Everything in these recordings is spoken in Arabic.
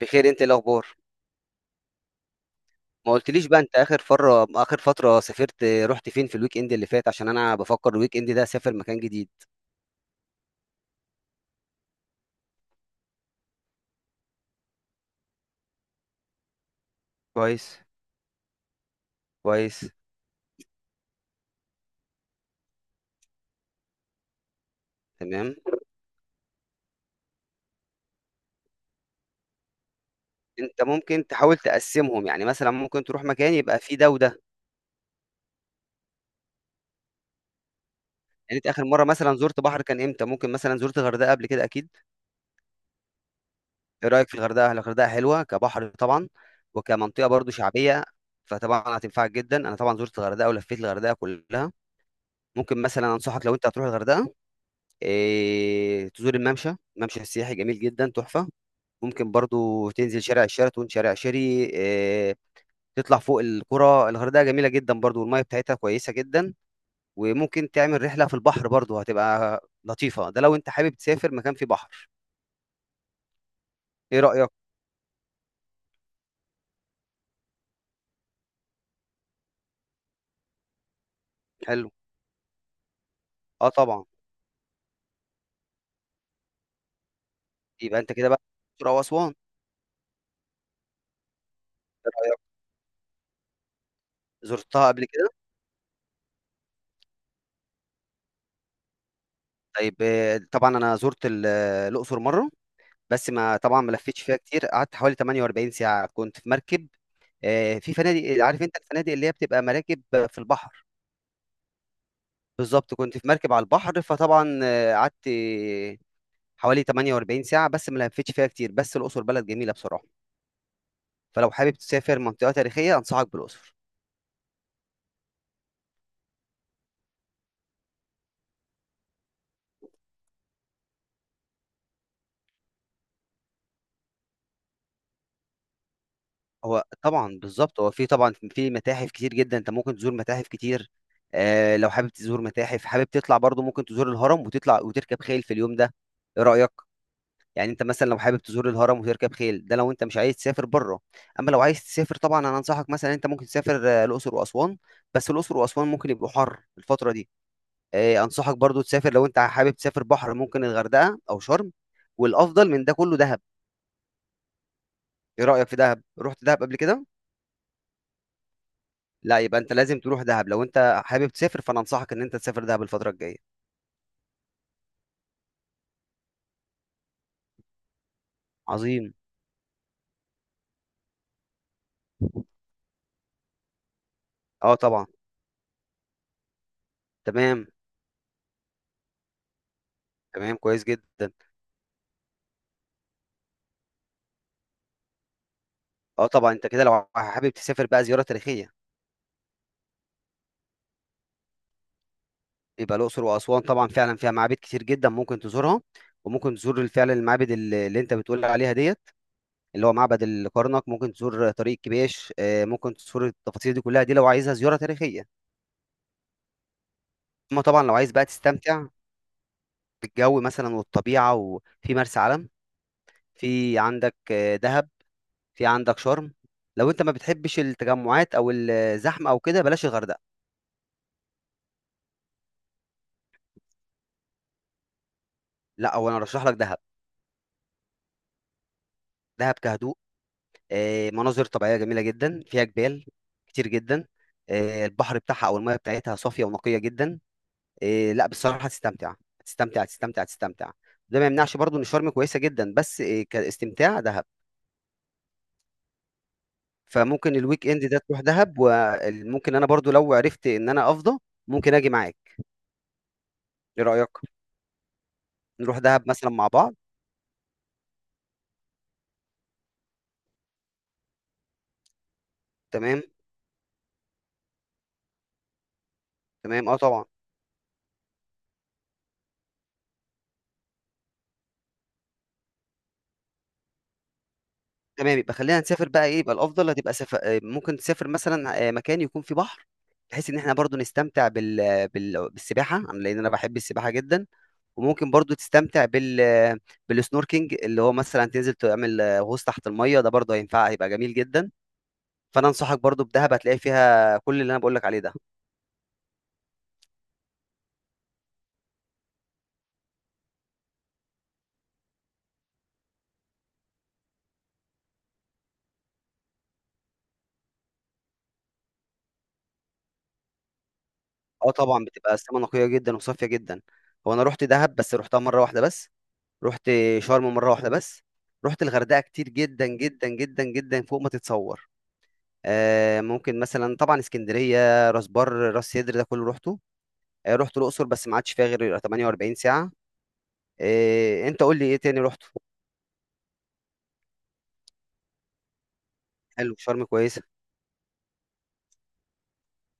بخير، انت ايه الاخبار؟ ما قلتليش بقى، انت اخر فترة سافرت رحت فين في الويك اند اللي فات؟ عشان انا بفكر الويك اند ده اسافر مكان جديد. كويس. كويس. تمام. انت ممكن تحاول تقسمهم، يعني مثلا ممكن تروح مكان يبقى فيه ده وده. يعني انت اخر مرة مثلا زرت بحر كان امتى؟ ممكن مثلا زرت الغردقة قبل كده، اكيد. ايه رأيك في الغردقة؟ الغردقة حلوة كبحر طبعا، وكمنطقة برضو شعبية، فطبعا هتنفعك جدا. انا طبعا زرت الغردقة ولفيت الغردقة كلها. ممكن مثلا انصحك، لو انت هتروح الغردقة، إيه، تزور الممشى، ممشى سياحي جميل جدا تحفة. ممكن برضو تنزل شارع الشيراتون، شارع شيري، إيه، تطلع فوق القرى. الغردقة جميلة جدا برضو، والمية بتاعتها كويسة جدا. وممكن تعمل رحلة في البحر برضو، هتبقى لطيفة. ده لو انت حابب تسافر مكان فيه بحر. ايه رأيك؟ حلو. اه طبعا. يبقى انت كده بقى الأقصر أو أسوان. إيه رأيك؟ زرتها قبل كده؟ طيب، طبعا انا زرت الأقصر مرة. بس ما طبعا ما لفتش فيها كتير، قعدت حوالي 48 ساعة، كنت في مركب. في فنادق. عارف انت الفنادق اللي هي بتبقى مراكب في البحر. بالظبط، كنت في مركب على البحر. فطبعا قعدت حوالي 48 ساعة، بس ما لفتش فيها كتير. بس الأقصر بلد جميلة بصراحة. فلو حابب تسافر منطقة تاريخية، أنصحك بالأقصر. هو طبعا بالظبط، هو في طبعا في متاحف كتير جدا، انت ممكن تزور متاحف كتير. لو حابب تزور متاحف، حابب تطلع برضو، ممكن تزور الهرم وتطلع وتركب خيل في اليوم ده. ايه رأيك؟ يعني انت مثلا لو حابب تزور الهرم وتركب خيل، ده لو انت مش عايز تسافر بره. اما لو عايز تسافر، طبعا انا انصحك مثلا، انت ممكن تسافر الاقصر واسوان. بس الاقصر واسوان ممكن يبقوا حر الفتره دي. انصحك برضو تسافر. لو انت حابب تسافر بحر، ممكن الغردقه او شرم، والافضل من ده كله دهب. ايه رايك في دهب؟ رحت دهب قبل كده؟ لا، يبقى انت لازم تروح دهب. لو انت حابب تسافر، فانا انصحك ان انت تسافر دهب الفتره الجايه. عظيم. اه طبعا. تمام. تمام. كويس جدا. اه طبعا. انت كده لو حابب تسافر بقى زياره تاريخيه، يبقى الأقصر وأسوان طبعا فعلا فيها معابد كتير جدا ممكن تزورها. وممكن تزور فعلا المعابد اللي انت بتقول عليها ديت، اللي هو معبد الكرنك. ممكن تزور طريق كبيش، ممكن تزور التفاصيل دي كلها، دي لو عايزها زيارة تاريخية. اما طبعا لو عايز بقى تستمتع بالجو مثلا والطبيعة، وفي مرسى علم، في عندك دهب، في عندك شرم. لو انت ما بتحبش التجمعات او الزحمة او كده، بلاش الغردقة. لا، هو انا ارشح لك دهب. دهب كهدوء، مناظر طبيعية جميلة جدا، فيها جبال كتير جدا. البحر بتاعها أو المياه بتاعتها صافية ونقية جدا. لا بصراحة هتستمتع، هتستمتع، هتستمتع، هتستمتع. ده ما يمنعش برضو إن شرم كويسة جدا، بس كاستمتاع دهب. فممكن الويك إند ده تروح دهب، وممكن أنا برضو لو عرفت إن أنا أفضى، ممكن أجي معاك. إيه رأيك؟ نروح دهب مثلا مع بعض. تمام. تمام. أه طبعا. تمام. يبقى خلينا نسافر بقى. ايه يبقى الافضل؟ هتبقى سفر، ممكن تسافر مثلا مكان يكون فيه بحر، بحيث ان احنا برضو نستمتع بالسباحه. لان انا بحب السباحه جدا. وممكن برضو تستمتع بالسنوركينج، اللي هو مثلا تنزل تعمل غوص تحت الميه. ده برضو هينفع، هيبقى جميل جدا. فانا انصحك برضو بدهب، هتلاقي فيها كل اللي انا بقول لك عليه ده. اه طبعا، بتبقى السما نقيه جدا وصافيه جدا. هو انا رحت دهب بس رحتها مره واحده بس. رحت شرم مره واحده بس. رحت الغردقه كتير، جدا جدا جدا جدا، فوق ما تتصور. ممكن مثلا، طبعا اسكندريه، راس بر، راس سدر، ده كله روحته. رحت الاقصر بس ما عادش فيها غير 48 ساعه. انت قول لي ايه تاني روحته؟ حلو. شرم كويسه.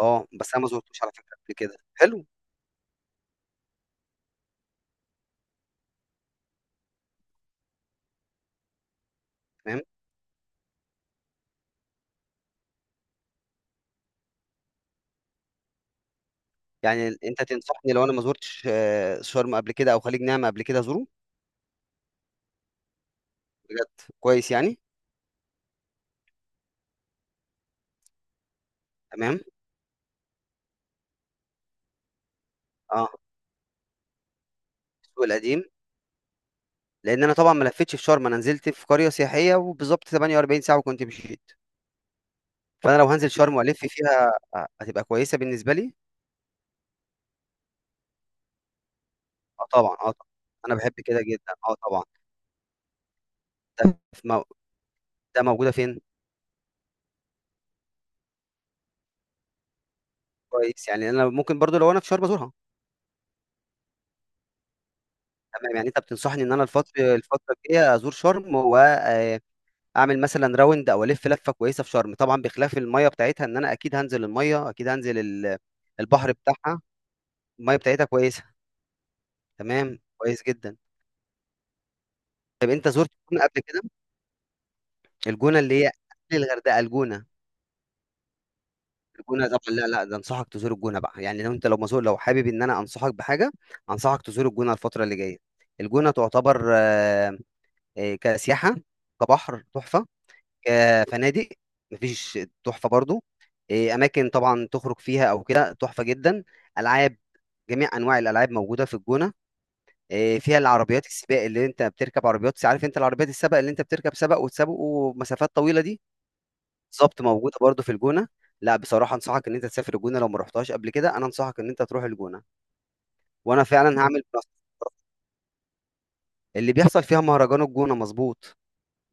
اه بس انا ما زرتوش على فكره قبل كده. حلو. تمام. يعني انت تنصحني لو انا ما زرتش آه، شرم قبل كده او خليج نعمه قبل كده ازوره بجد كويس يعني تمام اه. السوق القديم. لان انا طبعا ما لفتش في شرم، انا نزلت في قريه سياحيه وبالظبط 48 ساعه وكنت مشيت. فانا لو هنزل شرم والف فيها هتبقى كويسه بالنسبه لي. طبعًا، طبعًا، أنا باحب كده جدًا، طبعًا. ده ف مو ده موجودة فين؟ كويس، يعني أنا ممكن برضه لو أنا في شرم أزورها. تمام، يعني أنت بتنصحني إن أنا الفترة الجاية أزور شرم، وآآ، أعمل مثلًا round أو ألِف لفة كويسة في شرم، طبعًا بخلاف المَيّة بتاعتها. إن أنا أكيد هانزل المَيّة، أكيد هانزل البحر بتاعها، المَيّة بتاعتها كويسة. تمام، كويس جدًا. طب أنت زُرت الجونة قبل كده؟ الجونة اللي هي قبل الغردقة، الجونة. الجونه طبعا، لا، لا، ده انصحك تزور الجونه بقى. يعني لو مسؤول، لو حابب ان انا انصحك بحاجه، انصحك تزور الجونه الفتره اللي جايه. الجونه تعتبر كسياحه، كبحر تحفه، كفنادق مفيش، تحفه برضو. اماكن طبعا تخرج فيها او كده تحفه جدا. العاب، جميع انواع الالعاب موجوده في الجونه. فيها العربيات السباق، اللي انت بتركب عربيات، عارف انت العربيات السباق اللي انت بتركب سباق وتسابقوا مسافات طويله دي. بالظبط موجوده برضو في الجونه. لا بصراحه انصحك ان انت تسافر الجونه، لو ما رحتهاش قبل كده، انا انصحك ان انت تروح الجونه. وانا فعلا هعمل بنفسي. اللي بيحصل فيها مهرجان الجونه، مظبوط.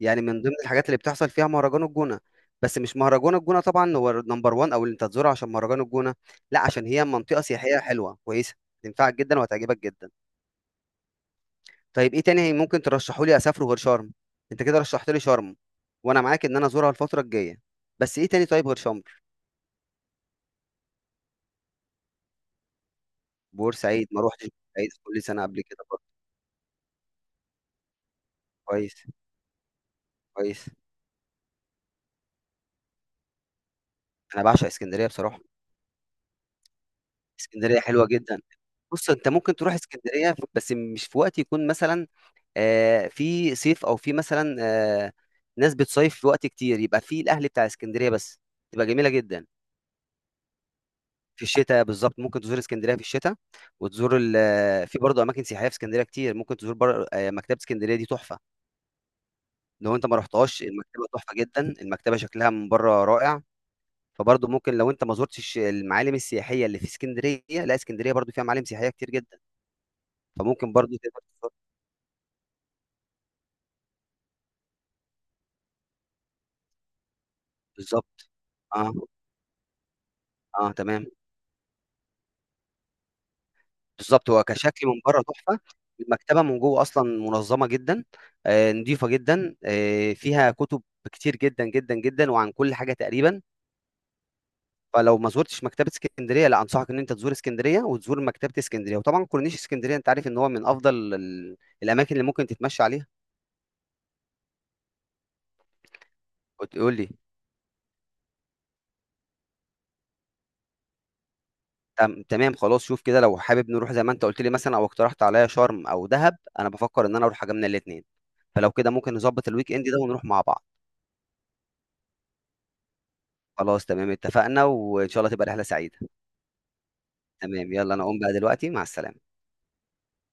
يعني من ضمن الحاجات اللي بتحصل فيها مهرجان الجونه، بس مش مهرجان الجونه طبعا هو نمبر 1 او اللي انت تزوره عشان مهرجان الجونه. لا، عشان هي منطقه سياحيه حلوه كويسه، تنفعك جدا وهتعجبك جدا. طيب، ايه تاني ممكن ترشحوا لي اسافره غير شرم؟ انت كده رشحت لي شرم، وانا معاك ان انا ازورها الفتره الجايه. بس ايه تاني طيب غير شرم؟ بورسعيد ما روحتش. بورسعيد كل سنه قبل كده. كويس، كويس. أنا باعشق إسكندرية بصراحة، إسكندرية حلوة جدًا. بُص، أنت ممكن تروح إسكندرية، بس مش في وقت يكون مثلًا في صيف، أو في مثلًا ناس بتصيف في وقت كتير، يبقى في الأهل بتاع إسكندرية بس، تبقى جميلة جدًا. في الشتا بالضبط، ممكن تزور إسكندرية في الشتا، وتزور ال آه، في برضه أماكن سياحية في إسكندرية كتير، ممكن تزور بر مكتبة إسكندرية دي تحفة. لو أنت ما رحتهاش، المكتبة تحفة جدًا، المكتبة شكلها من برّه رائع. فبرضه ممكن لو انت ما زرتش المعالم السياحيه اللي في اسكندريه، لا اسكندريه برضه فيها معالم سياحيه كتير جدا، فممكن برضه تقدر تزور. بالظبط. اه، اه. تمام. بالظبط هو كشكل من بره تحفه. المكتبه من جوه اصلا منظمه جدا، نظيفه جدا، فيها كتب كتير جدا جدا جدا، وعن كل حاجه تقريبا. فلو ما زورتش مكتبه اسكندريه، لا انصحك ان انت تزور اسكندريه وتزور مكتبه اسكندريه، وطبعا كورنيش اسكندريه انت عارف ان هو من افضل الاماكن اللي ممكن تتمشى عليها. وتقول لي. تمام خلاص، شوف كده لو حابب نروح زي ما انت قلت لي مثلا او اقترحت عليا شرم او دهب، انا بفكر ان انا اروح حاجه من الاثنين. فلو كده ممكن نظبط الويك اند ده ونروح مع بعض. خلاص تمام، اتفقنا، وان شاء الله تبقى رحله سعيده. تمام، يلا انا اقوم بقى دلوقتي، مع السلامه.